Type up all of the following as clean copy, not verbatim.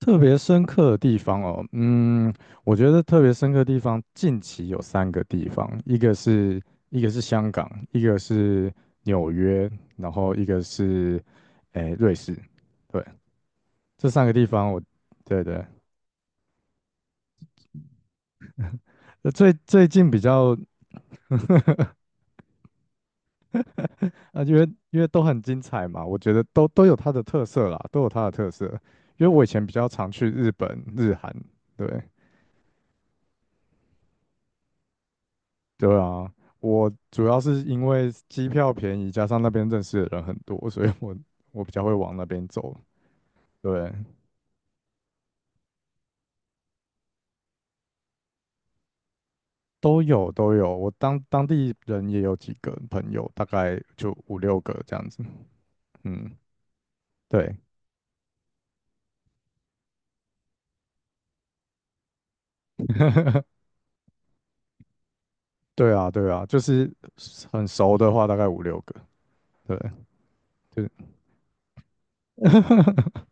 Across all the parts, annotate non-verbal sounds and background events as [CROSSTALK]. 特别深刻的地方哦，嗯，我觉得特别深刻的地方，近期有三个地方，一个是香港，一个是纽约，然后一个是瑞士，对，这三个地方我，对对，最最近比较因为都很精彩嘛，我觉得都有它的特色啦，都有它的特色，因为我以前比较常去日本、日韩，对。对啊，我主要是因为机票便宜，加上那边认识的人很多，所以我比较会往那边走。对，都有都有，我当地人也有几个朋友，大概就五六个这样子。嗯，对，[LAUGHS] 对啊，对啊，就是很熟的话，大概五六个。对，对，[LAUGHS]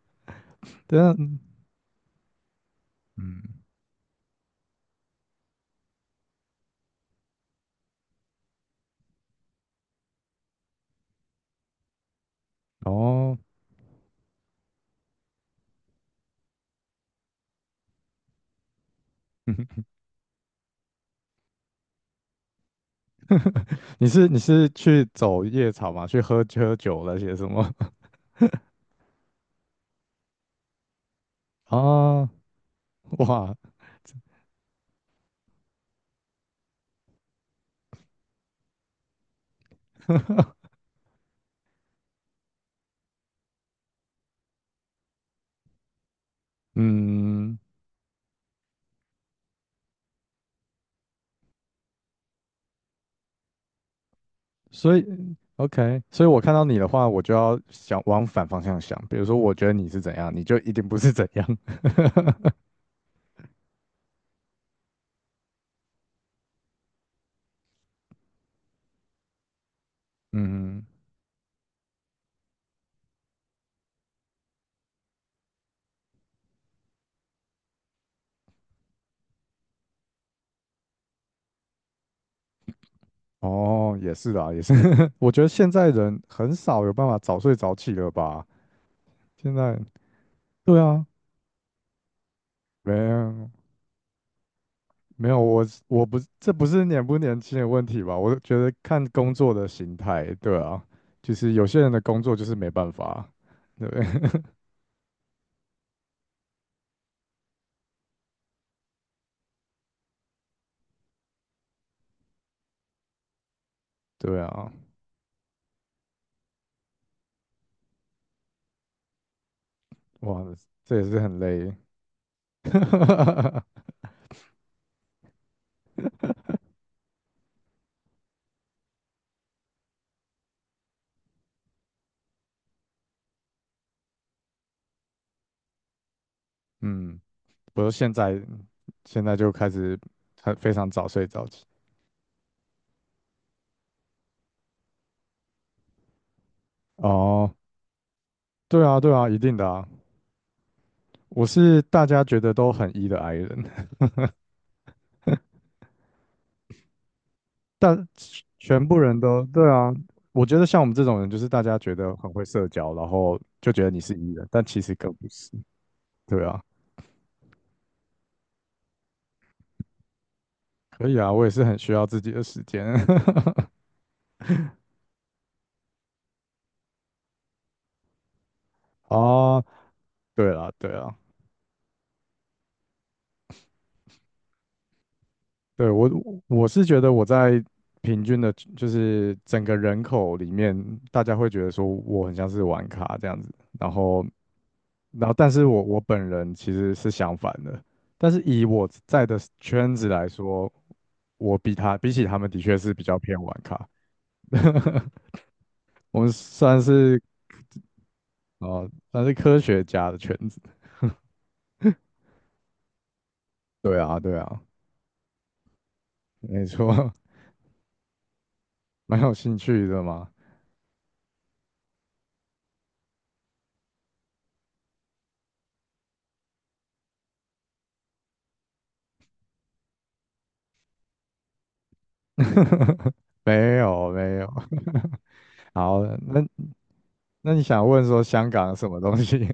对啊，嗯，哦，[LAUGHS] 你是去走夜场吗？去喝喝酒那些什么？[LAUGHS] 啊，哇，[LAUGHS] 嗯，所以 OK，所以我看到你的话，我就要想往反方向想。比如说，我觉得你是怎样，你就一定不是怎样。[LAUGHS] 嗯，哦，也是啦，也是。[LAUGHS] 我觉得现在人很少有办法早睡早起了吧？现在，对啊，没有没有，我是我不，这不是年不年轻的问题吧？我觉得看工作的形态，对啊，就是有些人的工作就是没办法，对不对 [LAUGHS] 对啊，哇，这也是很累。[LAUGHS] 嗯，不是现在现在就开始很非常早睡早起。哦，对啊，对啊，一定的啊。我是大家觉得都很 E 的 I 人，[LAUGHS] 但全部人都对啊。我觉得像我们这种人，就是大家觉得很会社交，然后就觉得你是 E 人，但其实更不是。对啊，可以啊，我也是很需要自己的时间。[LAUGHS] 哦，对啦，对啦，对，我我是觉得我在平均的，就是整个人口里面，大家会觉得说我很像是玩卡这样子，然后但是我本人其实是相反的，但是以我在的圈子来说，我比起他们的确是比较偏玩卡。[LAUGHS] 我们算是算是科学家的圈子，对啊对啊，没错，[LAUGHS] 蛮有兴趣的嘛，[LAUGHS] 没有没有。[LAUGHS] 好，那你想问说香港什么东西？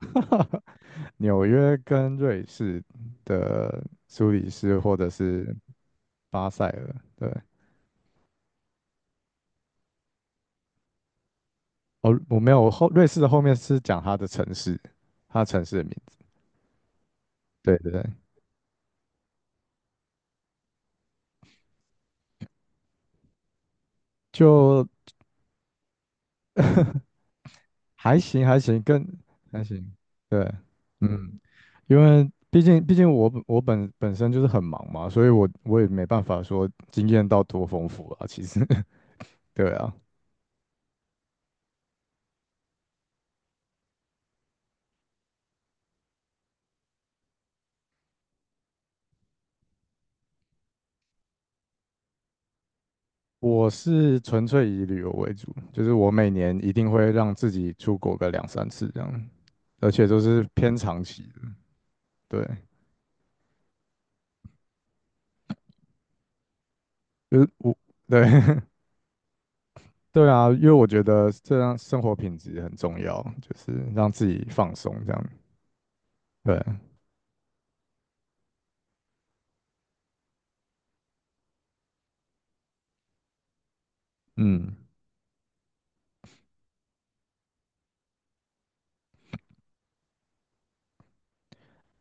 [LAUGHS] 纽约跟瑞士的苏黎世或者是巴塞尔，对，哦，我没有，瑞士的后面是讲它的城市，它的城市的名字，对对对，就 [LAUGHS] 还行还行，跟还行，对，嗯，因为毕竟我本身就是很忙嘛，所以我也没办法说经验到多丰富啊，其实，[LAUGHS] 对啊，我是纯粹以旅游为主，就是我每年一定会让自己出国个两三次这样，而且都是偏长期的。对，就是我，对，[LAUGHS] 对啊，因为我觉得这样生活品质很重要，就是让自己放松这样。对，嗯，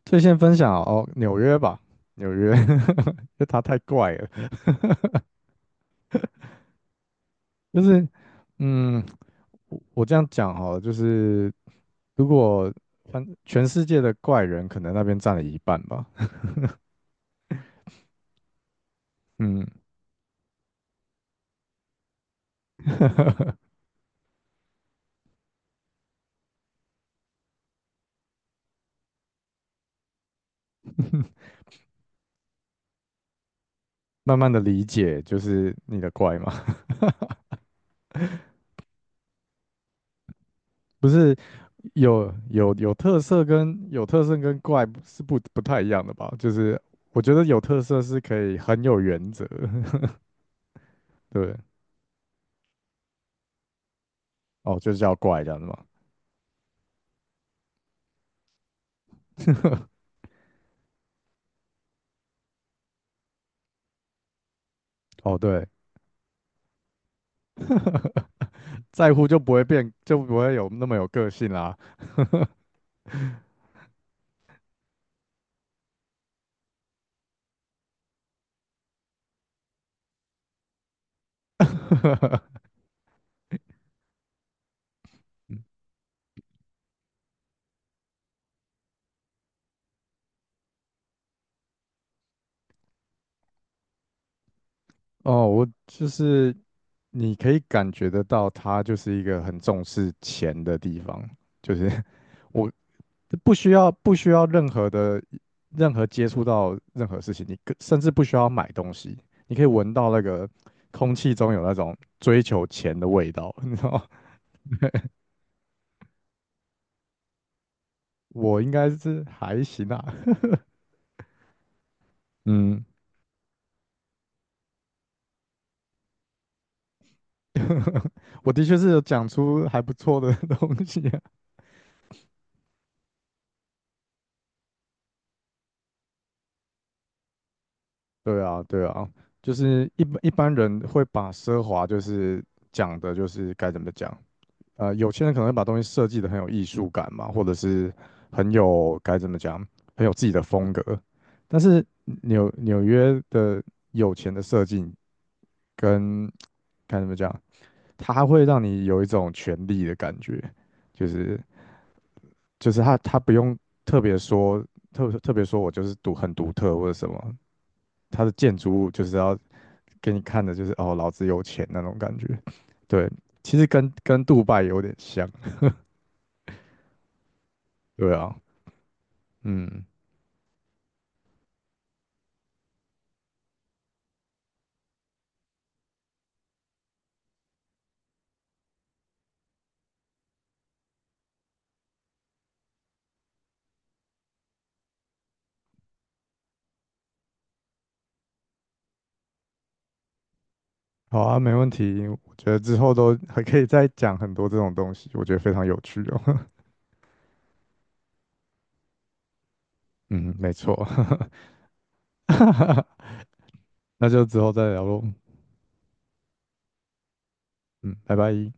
最先分享哦，纽约吧，纽约，[LAUGHS] 就它太怪了，就是嗯，我这样讲好了就是如果。反全世界的怪人可能那边占了一半吧，嗯，慢慢的理解就是你的怪嘛，[LAUGHS] 不是有特色跟怪不是不太一样的吧？就是我觉得有特色是可以很有原则，[LAUGHS] 对，哦，就是叫怪这样子嘛，哦，对，[LAUGHS] 在乎就不会变，就不会有那么有个性啦。[LAUGHS] 哦，我就是你可以感觉得到，他就是一个很重视钱的地方。就是 [LAUGHS] 我不需要任何的任何接触到任何事情，你可甚至不需要买东西，你可以闻到那个空气中有那种追求钱的味道，你知道吗？[LAUGHS] 我应该是还行啊，[LAUGHS] 嗯，我的确是有讲出还不错的 [LAUGHS] 东西啊对啊，对啊，就是一般人会把奢华就是讲的就是该怎么讲，有钱人可能会把东西设计的很有艺术感嘛，或者是很有该怎么讲，很有自己的风格。但是纽约的有钱的设计跟该怎么讲，它会让你有一种权力的感觉，就是就是他不用特别说特别说我就是独很独特或者什么，它的建筑物就是要给你看的就是哦，老子有钱那种感觉。对，其实跟杜拜有点像，对啊。嗯，好啊，没问题。我觉得之后都还可以再讲很多这种东西，我觉得非常有趣哦。[LAUGHS] 嗯，没错，[LAUGHS] 那就之后再聊喽。嗯，拜拜。